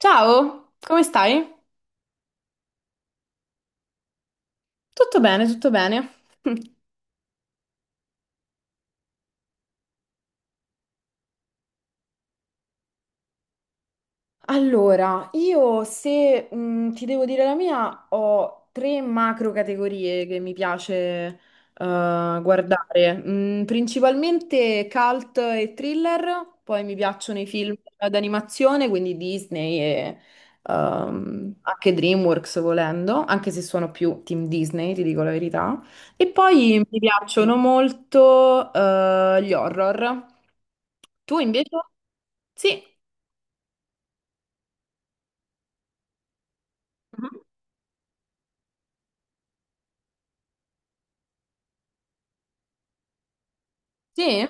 Ciao, come stai? Tutto bene, tutto bene. Allora, io se ti devo dire la mia, ho tre macro categorie che mi piace guardare. Principalmente cult e thriller, poi mi piacciono i film d'animazione, quindi Disney e anche DreamWorks volendo, anche se sono più team Disney, ti dico la verità. E poi mi piacciono molto gli horror. Tu invece? Sì. Mhm. Sì?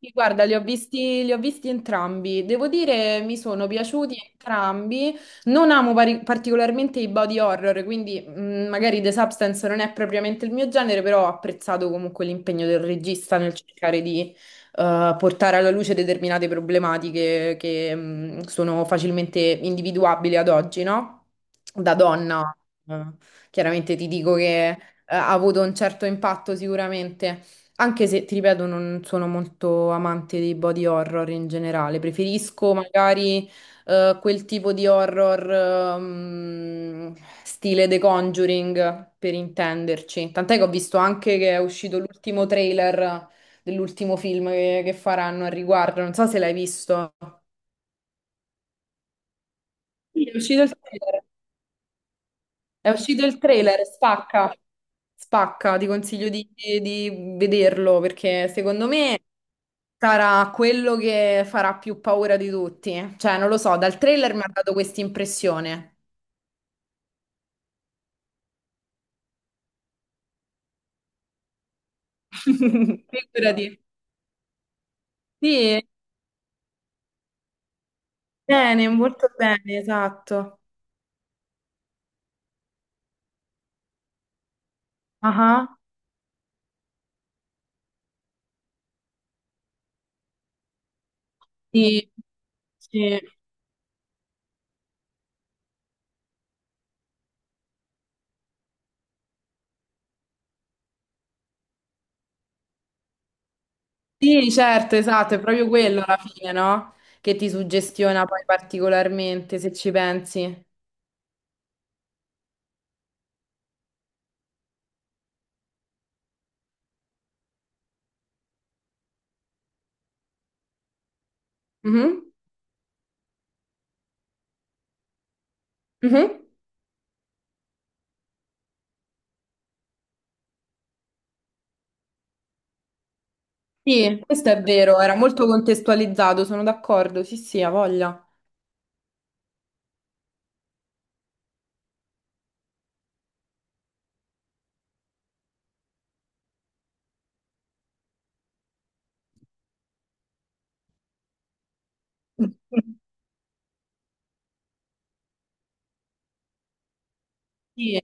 Sì, guarda, li ho visti entrambi. Devo dire, mi sono piaciuti entrambi. Non amo particolarmente i body horror, quindi magari The Substance non è propriamente il mio genere, però ho apprezzato comunque l'impegno del regista nel cercare di portare alla luce determinate problematiche che sono facilmente individuabili ad oggi, no? Da donna, eh, chiaramente ti dico che ha avuto un certo impatto sicuramente. Anche se, ti ripeto, non sono molto amante dei body horror in generale, preferisco magari quel tipo di horror ehm, stile The Conjuring, per intenderci. Tant'è che ho visto anche che è uscito l'ultimo trailer dell'ultimo film che faranno al riguardo, non so se l'hai visto. Sì, è uscito il trailer. È uscito il trailer, spacca, spacca, ti consiglio di vederlo perché secondo me sarà quello che farà più paura di tutti. Cioè, non lo so, dal trailer mi ha dato questa impressione. Figurati. Sì, bene, molto bene, esatto. Ah, sì, sì. Sì, certo, esatto, è proprio quello alla fine, no? Che ti suggestiona poi particolarmente, se ci pensi. Mhm, mhm. Sì, questo è vero, era molto contestualizzato, sono d'accordo, sì, sì, ha voglia. Sì,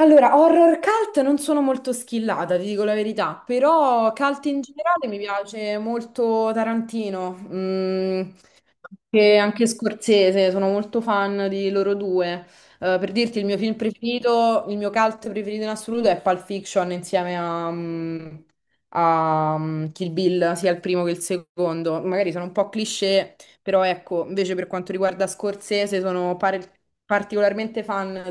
allora, horror cult non sono molto skillata, ti dico la verità, però cult in generale mi piace molto Tarantino, anche Scorsese, sono molto fan di loro due. Per dirti, il mio film preferito, il mio cult preferito in assoluto è Pulp Fiction insieme a, Kill Bill, sia il primo che il secondo. Magari sono un po' cliché, però ecco, invece per quanto riguarda Scorsese sono particolarmente fan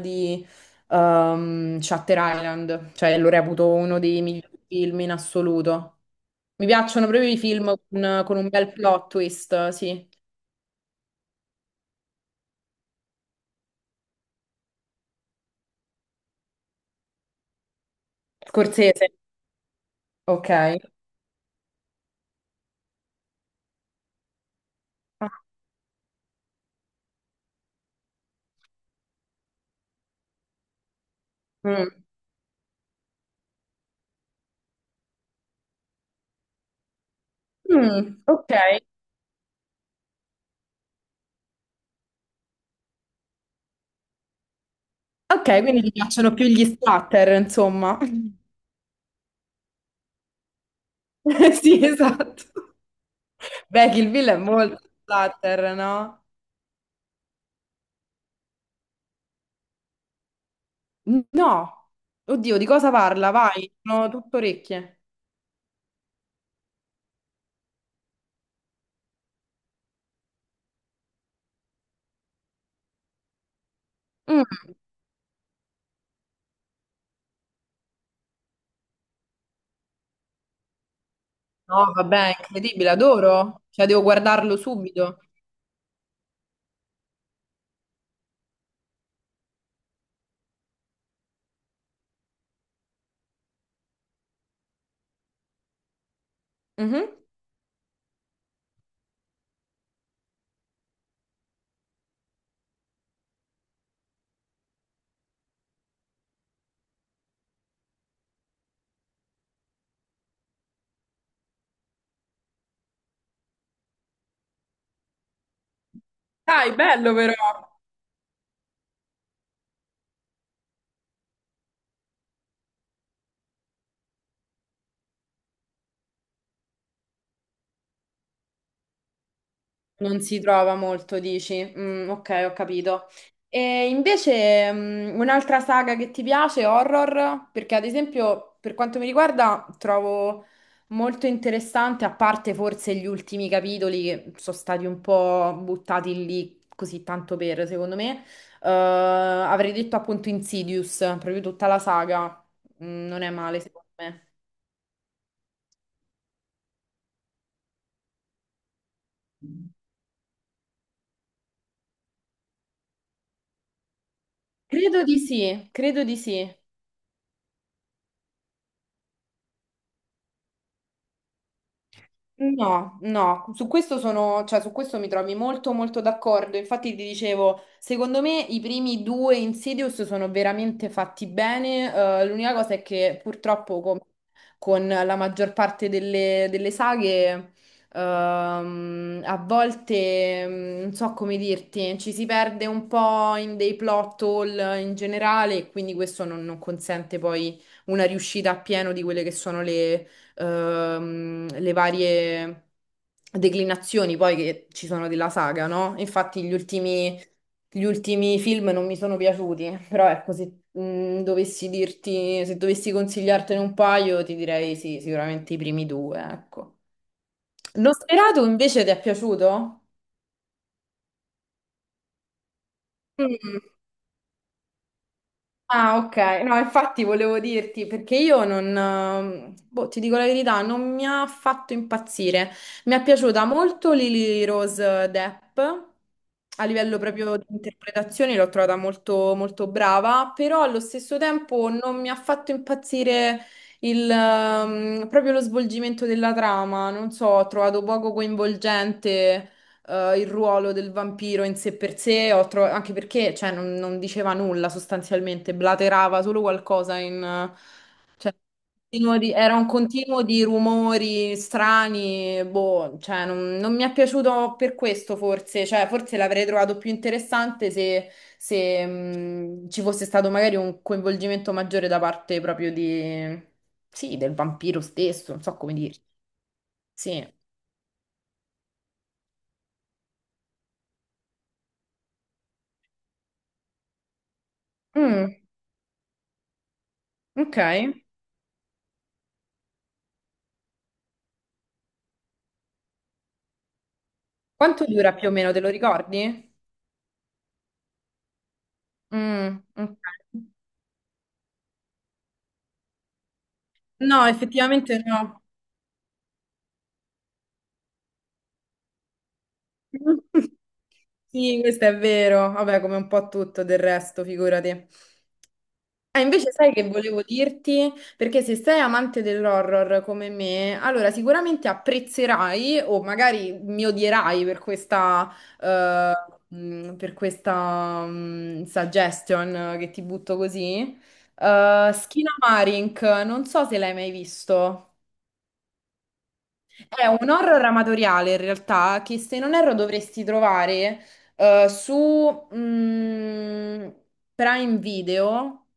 Shutter Island, cioè lo reputo uno dei migliori film in assoluto. Mi piacciono proprio i film con un bel plot twist, sì. Scorsese, ok. Ah, Mm. Mm, ok, ok, quindi ti piacciono più gli splatter, insomma. Sì, esatto. Beh, Kill Bill è molto splatter, no? No, oddio, di cosa parla? Vai, sono tutto orecchie. Mm. No, vabbè, è incredibile, adoro. Cioè, devo guardarlo subito. Mhm. Dai, bello però. Non si trova molto, dici? Mm, ok, ho capito. E invece un'altra saga che ti piace, horror? Perché ad esempio, per quanto mi riguarda, trovo molto interessante, a parte forse gli ultimi capitoli che sono stati un po' buttati lì così tanto per, secondo me, avrei detto appunto Insidious, proprio tutta la saga. Non è male, secondo me. Credo di sì, credo di sì. No, no, su questo sono, cioè, su questo mi trovi molto molto d'accordo. Infatti ti dicevo, secondo me i primi due Insidious sono veramente fatti bene. L'unica cosa è che purtroppo con la maggior parte delle saghe, a volte, non so come dirti, ci si perde un po' in dei plot hole in generale e quindi questo non consente poi una riuscita a pieno di quelle che sono le varie declinazioni poi che ci sono della saga, no? Infatti gli ultimi film non mi sono piaciuti, però ecco, se dovessi dirti, se dovessi consigliartene un paio, ti direi sì, sicuramente i primi due, ecco. L'ho sperato invece ti è piaciuto? Mm. Ah, ok. No, infatti volevo dirti, perché io non, boh, ti dico la verità, non mi ha fatto impazzire. Mi è piaciuta molto Lily Rose Depp, a livello proprio di interpretazione l'ho trovata molto, molto brava, però allo stesso tempo non mi ha fatto impazzire proprio lo svolgimento della trama, non so, ho trovato poco coinvolgente il ruolo del vampiro in sé per sé, anche perché cioè, non diceva nulla sostanzialmente, blaterava solo qualcosa cioè, era un continuo di rumori strani, boh, cioè, non mi è piaciuto per questo forse, cioè, forse l'avrei trovato più interessante se, ci fosse stato magari un coinvolgimento maggiore da parte proprio di. Sì, del vampiro stesso, non so come dirti. Sì. Mm, ok. Quanto dura più o meno, te lo ricordi? Mm, ok. No, effettivamente no. Sì, questo è vero. Vabbè, come un po' tutto del resto, figurati. Ah, invece sai che volevo dirti? Perché se sei amante dell'horror come me, allora sicuramente apprezzerai o magari mi odierai per questa, eh, suggestion che ti butto così. Skinnamarink, non so se l'hai mai visto. È un horror amatoriale in realtà che se non erro dovresti trovare su Prime Video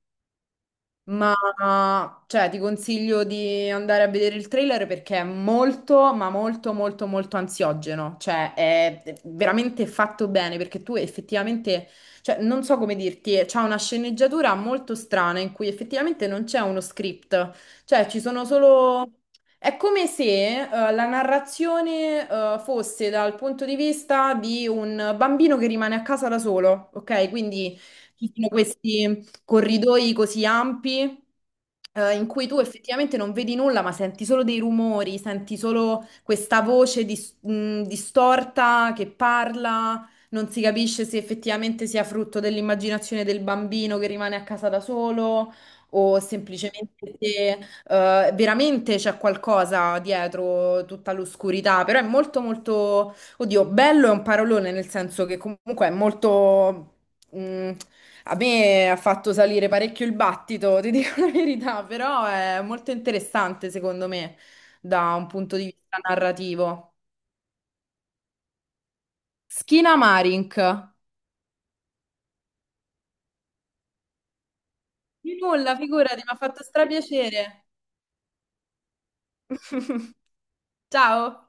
ma cioè, ti consiglio di andare a vedere il trailer perché è molto, ma molto, molto, molto ansiogeno. Cioè, è veramente fatto bene perché tu effettivamente, cioè, non so come dirti, c'è una sceneggiatura molto strana in cui effettivamente non c'è uno script. Cioè, ci sono solo. È come se la narrazione fosse dal punto di vista di un bambino che rimane a casa da solo, ok? Quindi ci sono questi corridoi così ampi in cui tu effettivamente non vedi nulla, ma senti solo dei rumori, senti solo questa voce distorta che parla, non si capisce se effettivamente sia frutto dell'immaginazione del bambino che rimane a casa da solo o semplicemente se veramente c'è qualcosa dietro tutta l'oscurità, però è molto molto, oddio, bello è un parolone nel senso che comunque è molto. Mm, A me ha fatto salire parecchio il battito, ti dico la verità, però è molto interessante secondo me da un punto di vista narrativo. Schina Marink. Di nulla, figurati, mi ha fatto strapiacere. Ciao.